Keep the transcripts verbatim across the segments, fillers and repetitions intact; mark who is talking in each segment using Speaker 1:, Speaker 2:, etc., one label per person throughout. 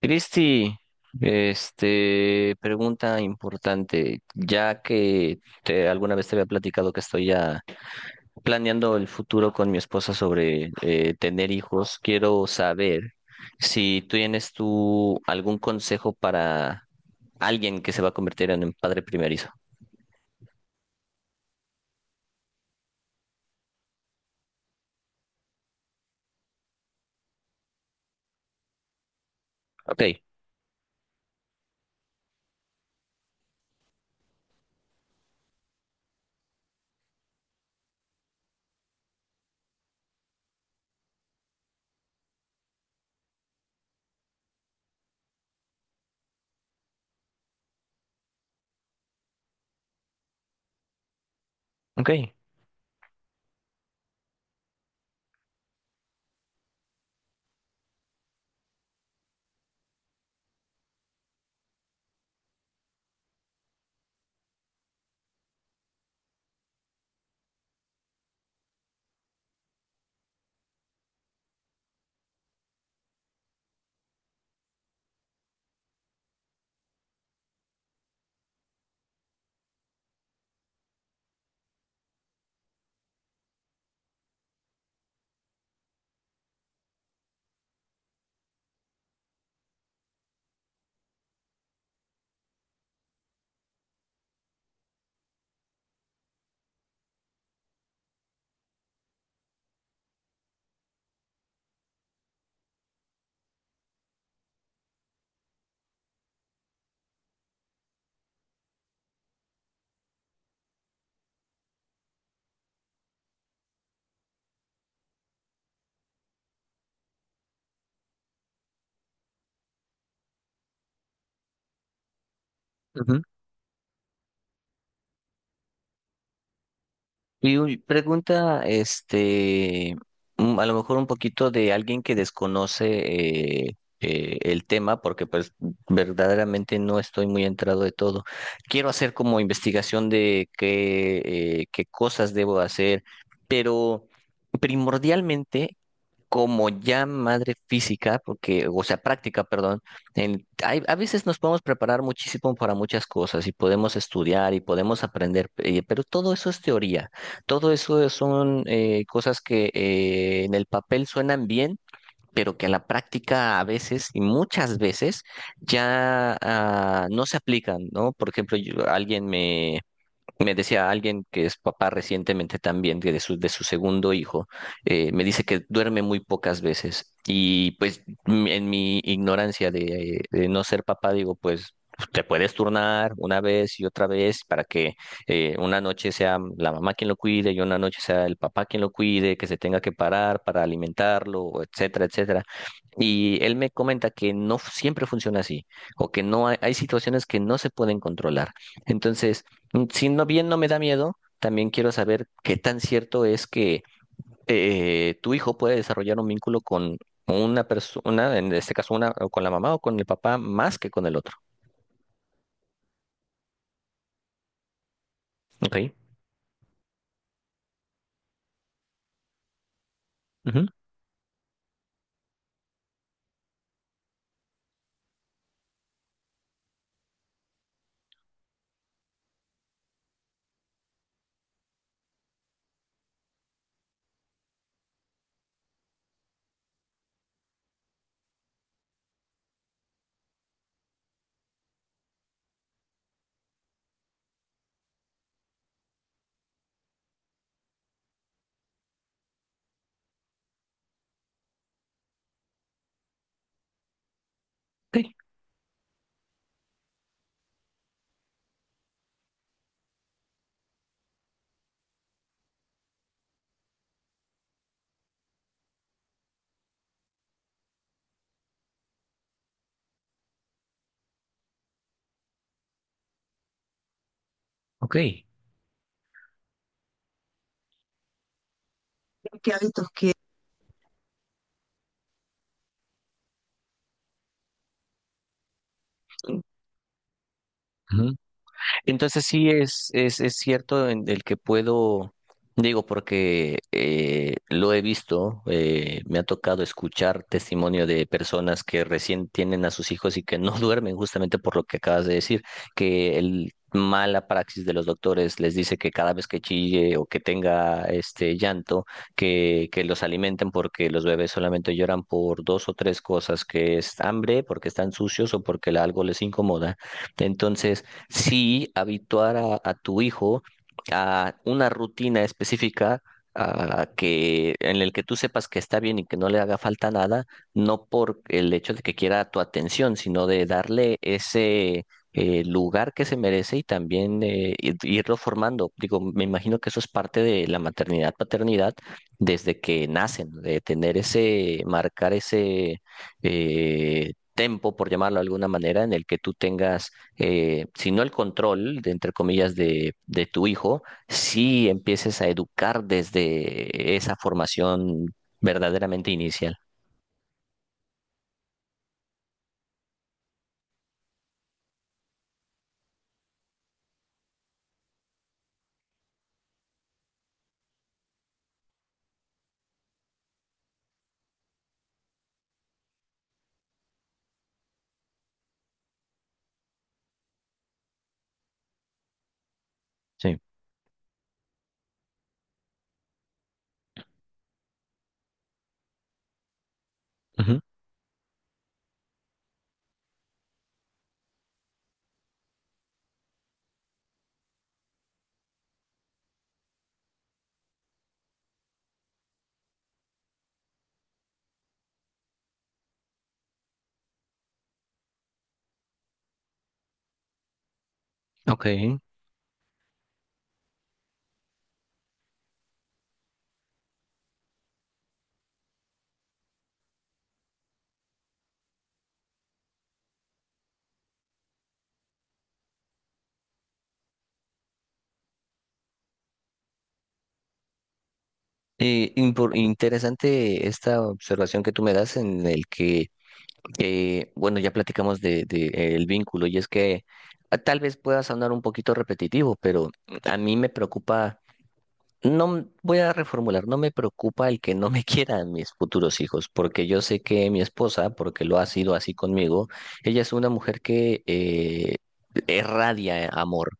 Speaker 1: Cristi, este, pregunta importante, ya que te- alguna vez te había platicado que estoy ya planeando el futuro con mi esposa sobre eh, tener hijos. Quiero saber si tú tienes tú algún consejo para alguien que se va a convertir en un padre primerizo. Ok, ok. Y uy, pregunta, este, mm, a lo mejor un poquito de alguien que desconoce eh, eh, el tema, porque pues verdaderamente no estoy muy entrado de todo. Quiero hacer como investigación de qué, eh, qué cosas debo hacer, pero primordialmente como ya madre física, porque, o sea, práctica, perdón, en- hay- a veces nos podemos preparar muchísimo para muchas cosas y podemos estudiar y podemos aprender, eh, pero todo eso es teoría, todo eso son eh, cosas que eh, en el papel suenan bien, pero que en la práctica a veces y muchas veces ya ah, no se aplican, ¿no? Por ejemplo, yo- alguien me me decía, alguien que es papá recientemente también de de su, de su segundo hijo. Eh, me dice que duerme muy pocas veces y pues mm, en mi ignorancia de, de no ser papá, digo, pues te puedes turnar una vez y otra vez para que eh, una noche sea la mamá quien lo cuide y una noche sea el papá quien lo cuide, que se tenga que parar para alimentarlo, etcétera, etcétera. Y él me comenta que no siempre funciona así, o que no hay hay situaciones que no se pueden controlar. Entonces, Mm, si no bien no me da miedo, también quiero saber qué tan cierto es que eh, tu hijo puede desarrollar un vínculo con una persona, en este caso una, o con la mamá o con el papá, más que con el otro. Ok. Ujú. Ok. Ok. Qué hábito. Entonces sí es, es, es cierto en el que puedo, digo, porque eh, lo he visto, eh, me ha tocado escuchar testimonio de personas que recién tienen a sus hijos y que no duermen justamente por lo que acabas de decir, que el mala praxis de los doctores les dice que cada vez que chille o que tenga este llanto, que, que los alimenten porque los bebés solamente lloran por dos o tres cosas, que es hambre, porque están sucios o porque algo les incomoda. Entonces sí habituar a, a tu hijo a una rutina específica a que, en el que tú sepas que está bien y que no le haga falta nada, no por el hecho de que quiera tu atención, sino de darle ese eh, lugar que se merece y también eh, ir- irlo formando. Digo, me imagino que eso es parte de la maternidad, paternidad, desde que nacen, de tener ese, marcar ese eh, tempo, por llamarlo de alguna manera, en el que tú tengas, eh, si no el control, de, entre comillas, de, de, tu hijo, si empieces a educar desde esa formación verdaderamente inicial. Sí. Ujú. Ok. Eh, impor- interesante esta observación que tú me das en el que, eh, bueno, ya platicamos de, de, eh, el vínculo, y es que ah, tal vez pueda sonar un poquito repetitivo, pero a mí me preocupa. No voy a reformular, no me preocupa el que no me quieran mis futuros hijos, porque yo sé que mi esposa, porque lo ha sido así conmigo, ella es una mujer que eh, irradia amor.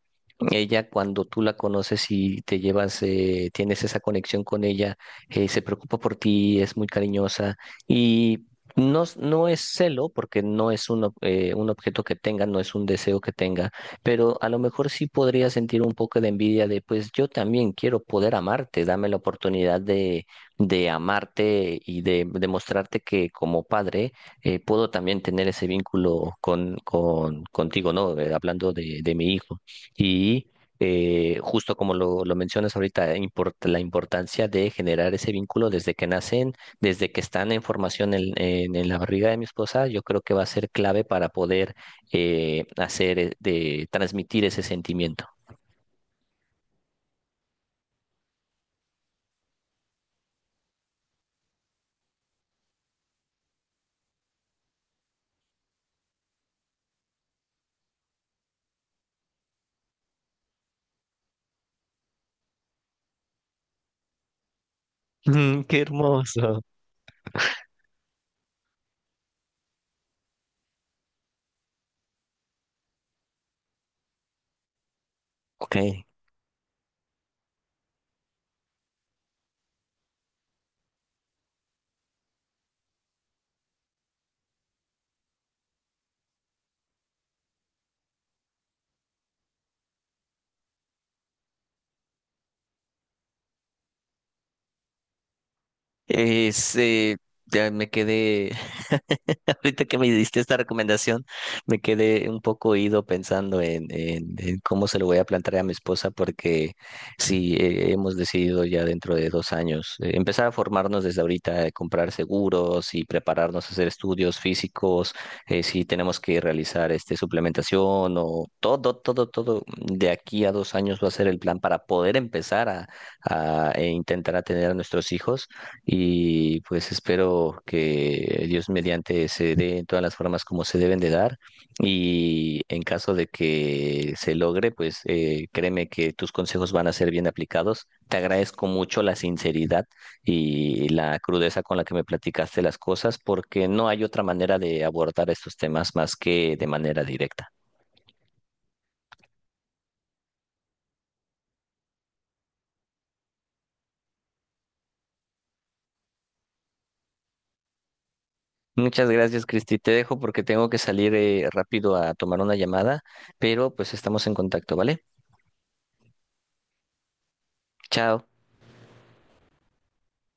Speaker 1: Ella, cuando tú la conoces y te llevas, eh, tienes esa conexión con ella. Eh, se preocupa por ti, es muy cariñosa, y no, es- no es celo, porque no es un, ob- eh, un objeto que tenga, no es un deseo que tenga, pero a lo mejor sí podría sentir un poco de envidia de, pues yo también quiero poder amarte, dame la oportunidad de, de amarte y de demostrarte que como padre eh, puedo también tener ese vínculo con, con, contigo, ¿no? Eh, Hablando de, de mi hijo. Y eh, justo como lo, lo mencionas ahorita, eh, import- la importancia de generar ese vínculo desde que nacen, desde que están en formación en, en en la barriga de mi esposa. Yo creo que va a ser clave para poder eh, hacer, eh, de transmitir ese sentimiento. Mm, qué hermoso. Ok. Es, eh, ya me quedé, ahorita que me diste esta recomendación, me quedé un poco ido pensando en, en- en cómo se lo voy a plantear a mi esposa, porque sí, eh, hemos decidido ya dentro de dos años eh, empezar a formarnos desde ahorita, eh, comprar seguros y prepararnos a hacer estudios físicos, eh, si tenemos que realizar este, suplementación o todo, todo, todo. De aquí a dos años va a ser el plan para poder empezar a, a eh, intentar atender a nuestros hijos, y pues espero que Dios mediante se dé en todas las formas como se deben de dar, y en caso de que se logre, pues eh, créeme que tus consejos van a ser bien aplicados. Te agradezco mucho la sinceridad y la crudeza con la que me platicaste las cosas, porque no hay otra manera de abordar estos temas más que de manera directa. Muchas gracias, Cristi. Te dejo porque tengo que salir eh, rápido a tomar una llamada, pero pues estamos en contacto, ¿vale? Chao.